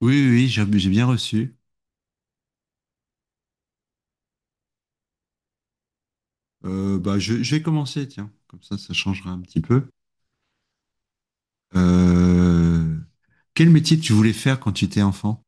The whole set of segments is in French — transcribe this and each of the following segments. Oui, oui, oui, j'ai bien reçu. Bah, je vais commencer, tiens, comme ça changera un petit peu. Euh, Quel métier tu voulais faire quand tu étais enfant?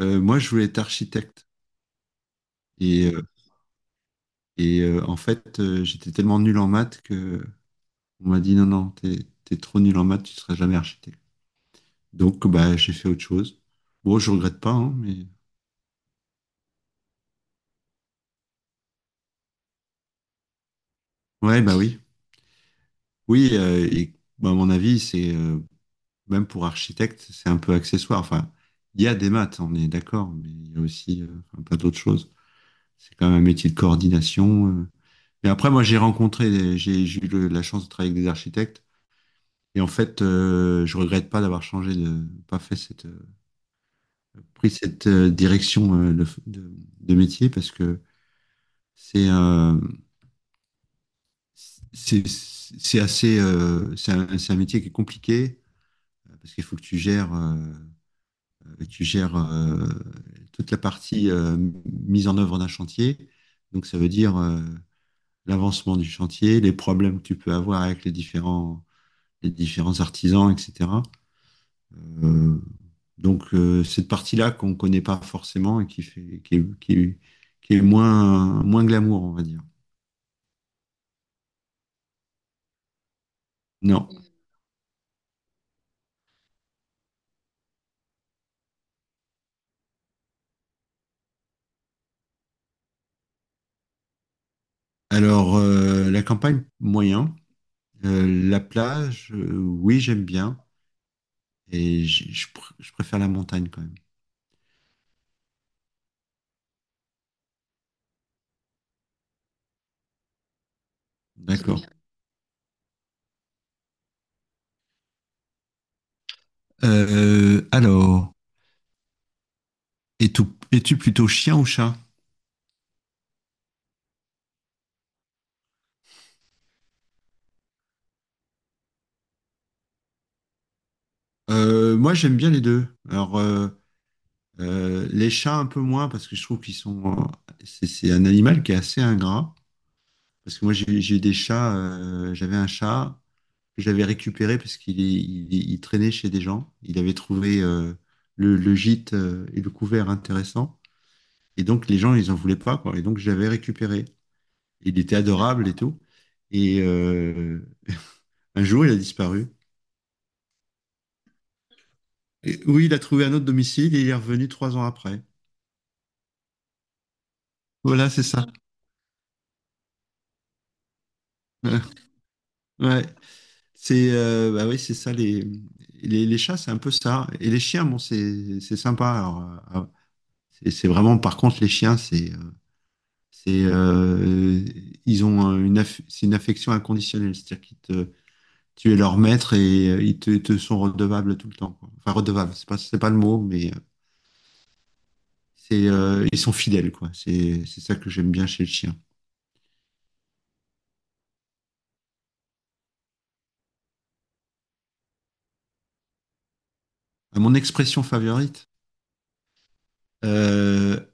Moi, je voulais être architecte. Et, euh, et en fait, j'étais tellement nul en maths que on m'a dit non, non, t'es trop nul en maths, tu seras jamais architecte. Donc, bah, j'ai fait autre chose. Bon, je regrette pas, hein, mais ouais, bah oui, oui. Et bah, à mon avis, c'est même pour architecte, c'est un peu accessoire. Enfin, il y a des maths, on est d'accord, mais il y a aussi enfin, plein d'autres choses. C'est quand même un métier de coordination. Mais après, moi, j'ai eu la chance de travailler avec des architectes. Et en fait, je regrette pas d'avoir changé de, pas fait cette, pris cette direction de, de métier parce que c'est euh, c'est assez, c'est un métier qui est compliqué parce qu'il faut que tu gères. Tu gères toute la partie mise en œuvre d'un chantier. Donc, ça veut dire l'avancement du chantier, les problèmes que tu peux avoir avec les différents artisans, etc. Euh, donc, cette partie-là qu'on ne connaît pas forcément et qui fait, qui est, qui est- qui est moins, moins glamour, on va dire. Non. Alors, la campagne, moyen. La plage, oui, j'aime bien. Et je préfère la montagne quand même. D'accord. Alors, es-tu es plutôt chien ou chat? Moi, j'aime bien les deux. Alors, les chats un peu moins parce que je trouve qu'ils sont. C'est un animal qui est assez ingrat. Parce que moi, j'ai des chats. J'avais un chat que j'avais récupéré parce qu'il traînait chez des gens. Il avait trouvé le gîte et le couvert intéressant. Et donc, les gens, ils en voulaient pas, quoi. Et donc, j'avais récupéré. Il était adorable et tout. Et un jour, il a disparu. Et oui, il a trouvé un autre domicile et il est revenu 3 ans après. Voilà, c'est ça. Ouais, c'est bah oui, c'est ça les chats, c'est un peu ça. Et les chiens, bon, c'est sympa. Alors, ah, c'est vraiment, par contre, les chiens, c'est ils ont un- une aff- c'est une affection inconditionnelle, c'est-à-dire qu'ils te tu es leur maître et te sont redevables tout le temps, quoi. Enfin, redevables, c'est pas le mot, mais c'est ils sont fidèles, quoi. C'est ça que j'aime bien chez le chien. Ah, mon expression favorite. Euh,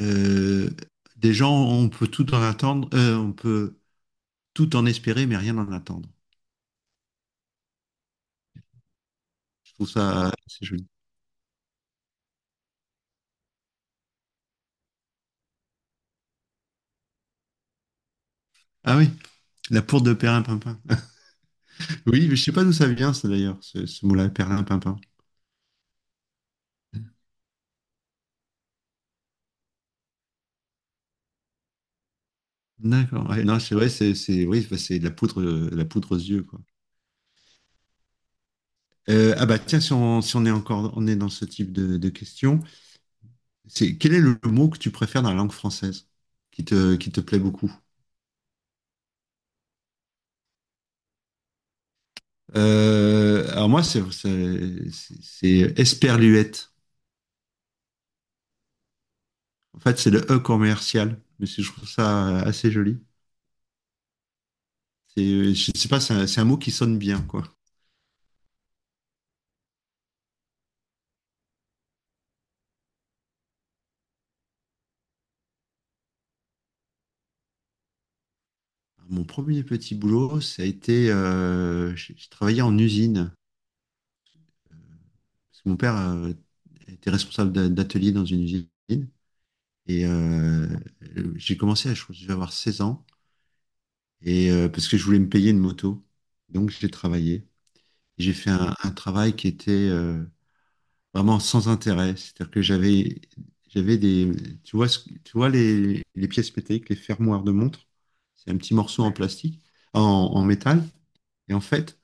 euh, des gens, on peut tout en attendre, on peut tout en espérer, mais rien en attendre. Je trouve ça assez joli. Ah oui, la poudre de Perlimpinpin. Oui, mais je sais pas d'où ça vient, ça d'ailleurs, ce mot-là, Perlimpinpin. D'accord. Ouais, non, c'est vrai, oui, bah, c'est de la poudre aux yeux, quoi. Ah bah tiens, si on est encore, on est dans ce type de questions, c'est quel est le mot que tu préfères dans la langue française qui te plaît beaucoup? Alors moi, Esperluette. En fait, c'est le E commercial, mais je trouve ça assez joli. C'est, je sais pas, c'est un mot qui sonne bien, quoi. Mon premier petit boulot, ça a été, j'ai travaillé en usine. Parce que mon père était responsable d'atelier dans une usine. Et j'ai commencé, je crois que je devais avoir 16 ans, et, parce que je voulais me payer une moto. Donc j'ai travaillé. J'ai fait un travail qui était... vraiment sans intérêt. C'est-à-dire que j'avais des, tu vois, tu vois les pièces métalliques, les fermoirs de montre, c'est un petit morceau en Ouais, plastique, en métal. Et en fait,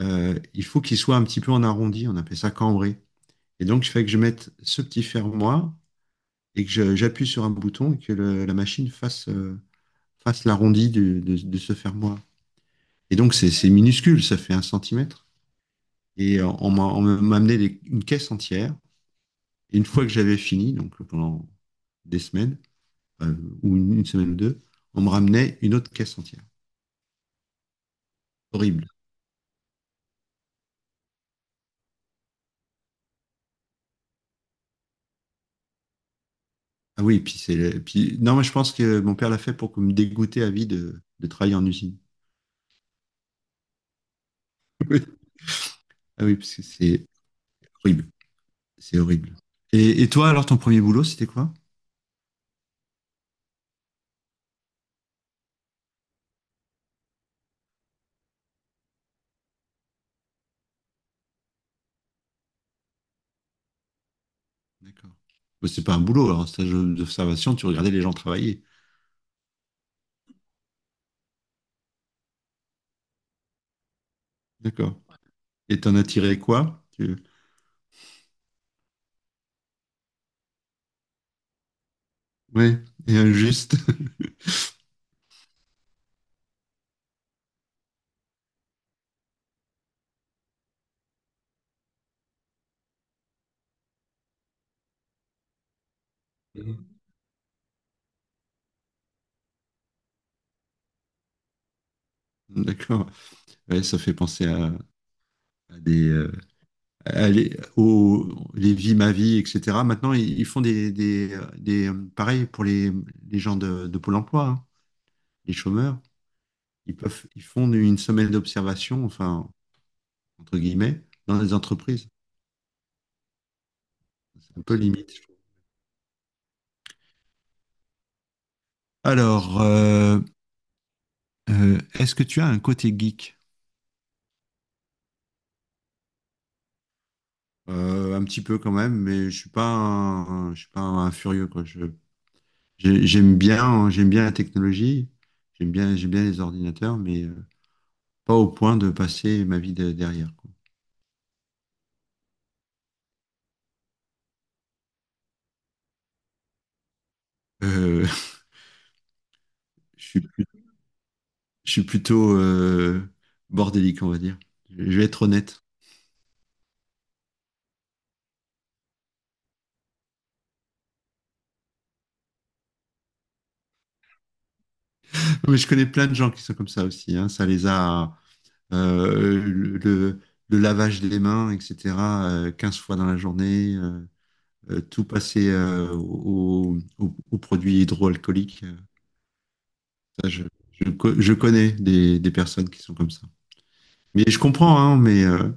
il faut qu'il soit un petit peu en arrondi, on appelle ça cambré. Et donc, je fais que je mette ce petit fermoir et que j'appuie sur un bouton et que la machine fasse l'arrondi de ce fermoir. Et donc, c'est minuscule, ça fait 1 centimètre. Et on m'a amené une caisse entière. Et une fois que j'avais fini, donc pendant des semaines, euh, ou une semaine ou deux, on me ramenait une autre caisse entière. Horrible. Ah oui, puis puis, non, moi je pense que mon père l'a fait pour que me dégoûter à vie de travailler en usine. Oui. Ah oui, parce que c'est horrible. C'est horrible. Et toi, alors, ton premier boulot, c'était quoi? D'accord. Bah, c'est pas un boulot, alors, un stage d'observation, tu regardais les gens travailler. D'accord. Et t'en as tiré quoi? Ouais, et injuste. D'accord. Ouais, ça fait penser à des, aller au les vies ma vie etc maintenant ils font des pareil pour les gens de Pôle emploi hein, les chômeurs ils font une semaine d'observation enfin entre guillemets dans les entreprises c'est un peu limite je trouve. Alors est-ce que tu as un côté geek? Un petit peu quand même mais je suis pas un furieux quoi. J'aime bien hein, j'aime bien la technologie. J'aime bien les ordinateurs mais pas au point de passer ma vie derrière. Euh, je suis, plus- je suis plutôt bordélique, on va dire. Je vais être honnête. Mais je connais plein de gens qui sont comme ça aussi, hein. Ça les a, le, le lavage des mains, etc., 15 fois dans la journée, tout passer aux produits hydroalcooliques. Ça, je connais des personnes qui sont comme ça. Mais je comprends, hein, mais euh,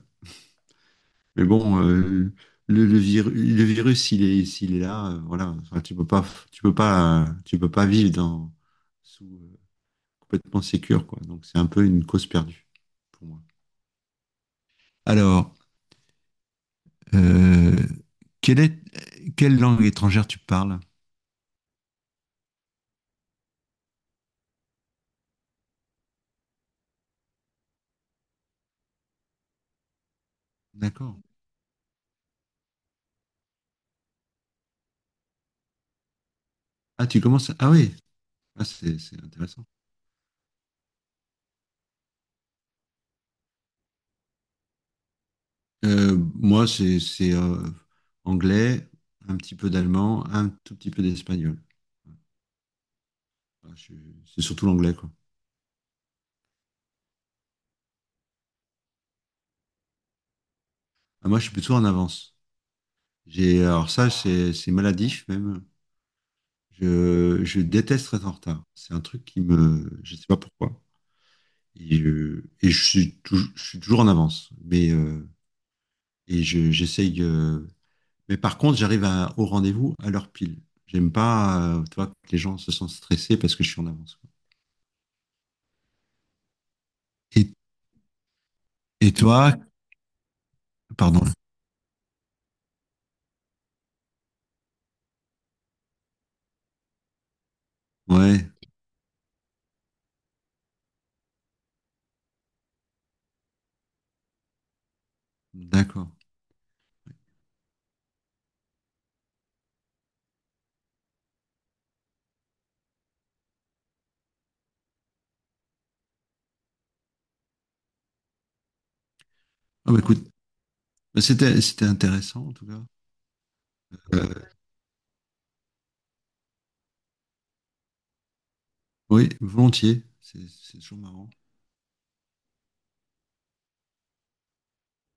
Mais bon, le virus, s'il est là, voilà. Enfin, tu peux pas vivre dans, sous, complètement sécure, quoi. Donc, c'est un peu une cause perdue pour moi. Alors, euh, quelle est, quelle langue étrangère tu parles? D'accord. Ah, tu commences. Ah oui. Ah, c'est intéressant. Moi, c'est anglais, un petit peu d'allemand, un tout petit peu d'espagnol. Ah, c'est surtout l'anglais, quoi. Ah, moi, je suis plutôt en avance. J'ai, alors ça, c'est maladif même. Je déteste être en retard. C'est un truc qui me, je sais pas pourquoi. Je suis toujours en avance. Mais j'essaye. Mais par contre, j'arrive au rendez-vous à l'heure pile. J'aime pas, tu vois, que les gens se sentent stressés parce que je suis en avance, quoi. Et, et toi, pardon. Ouais, d'accord. Ah bah écoute, bah, c'était intéressant en tout cas. Euh, oui, volontiers. C'est toujours marrant.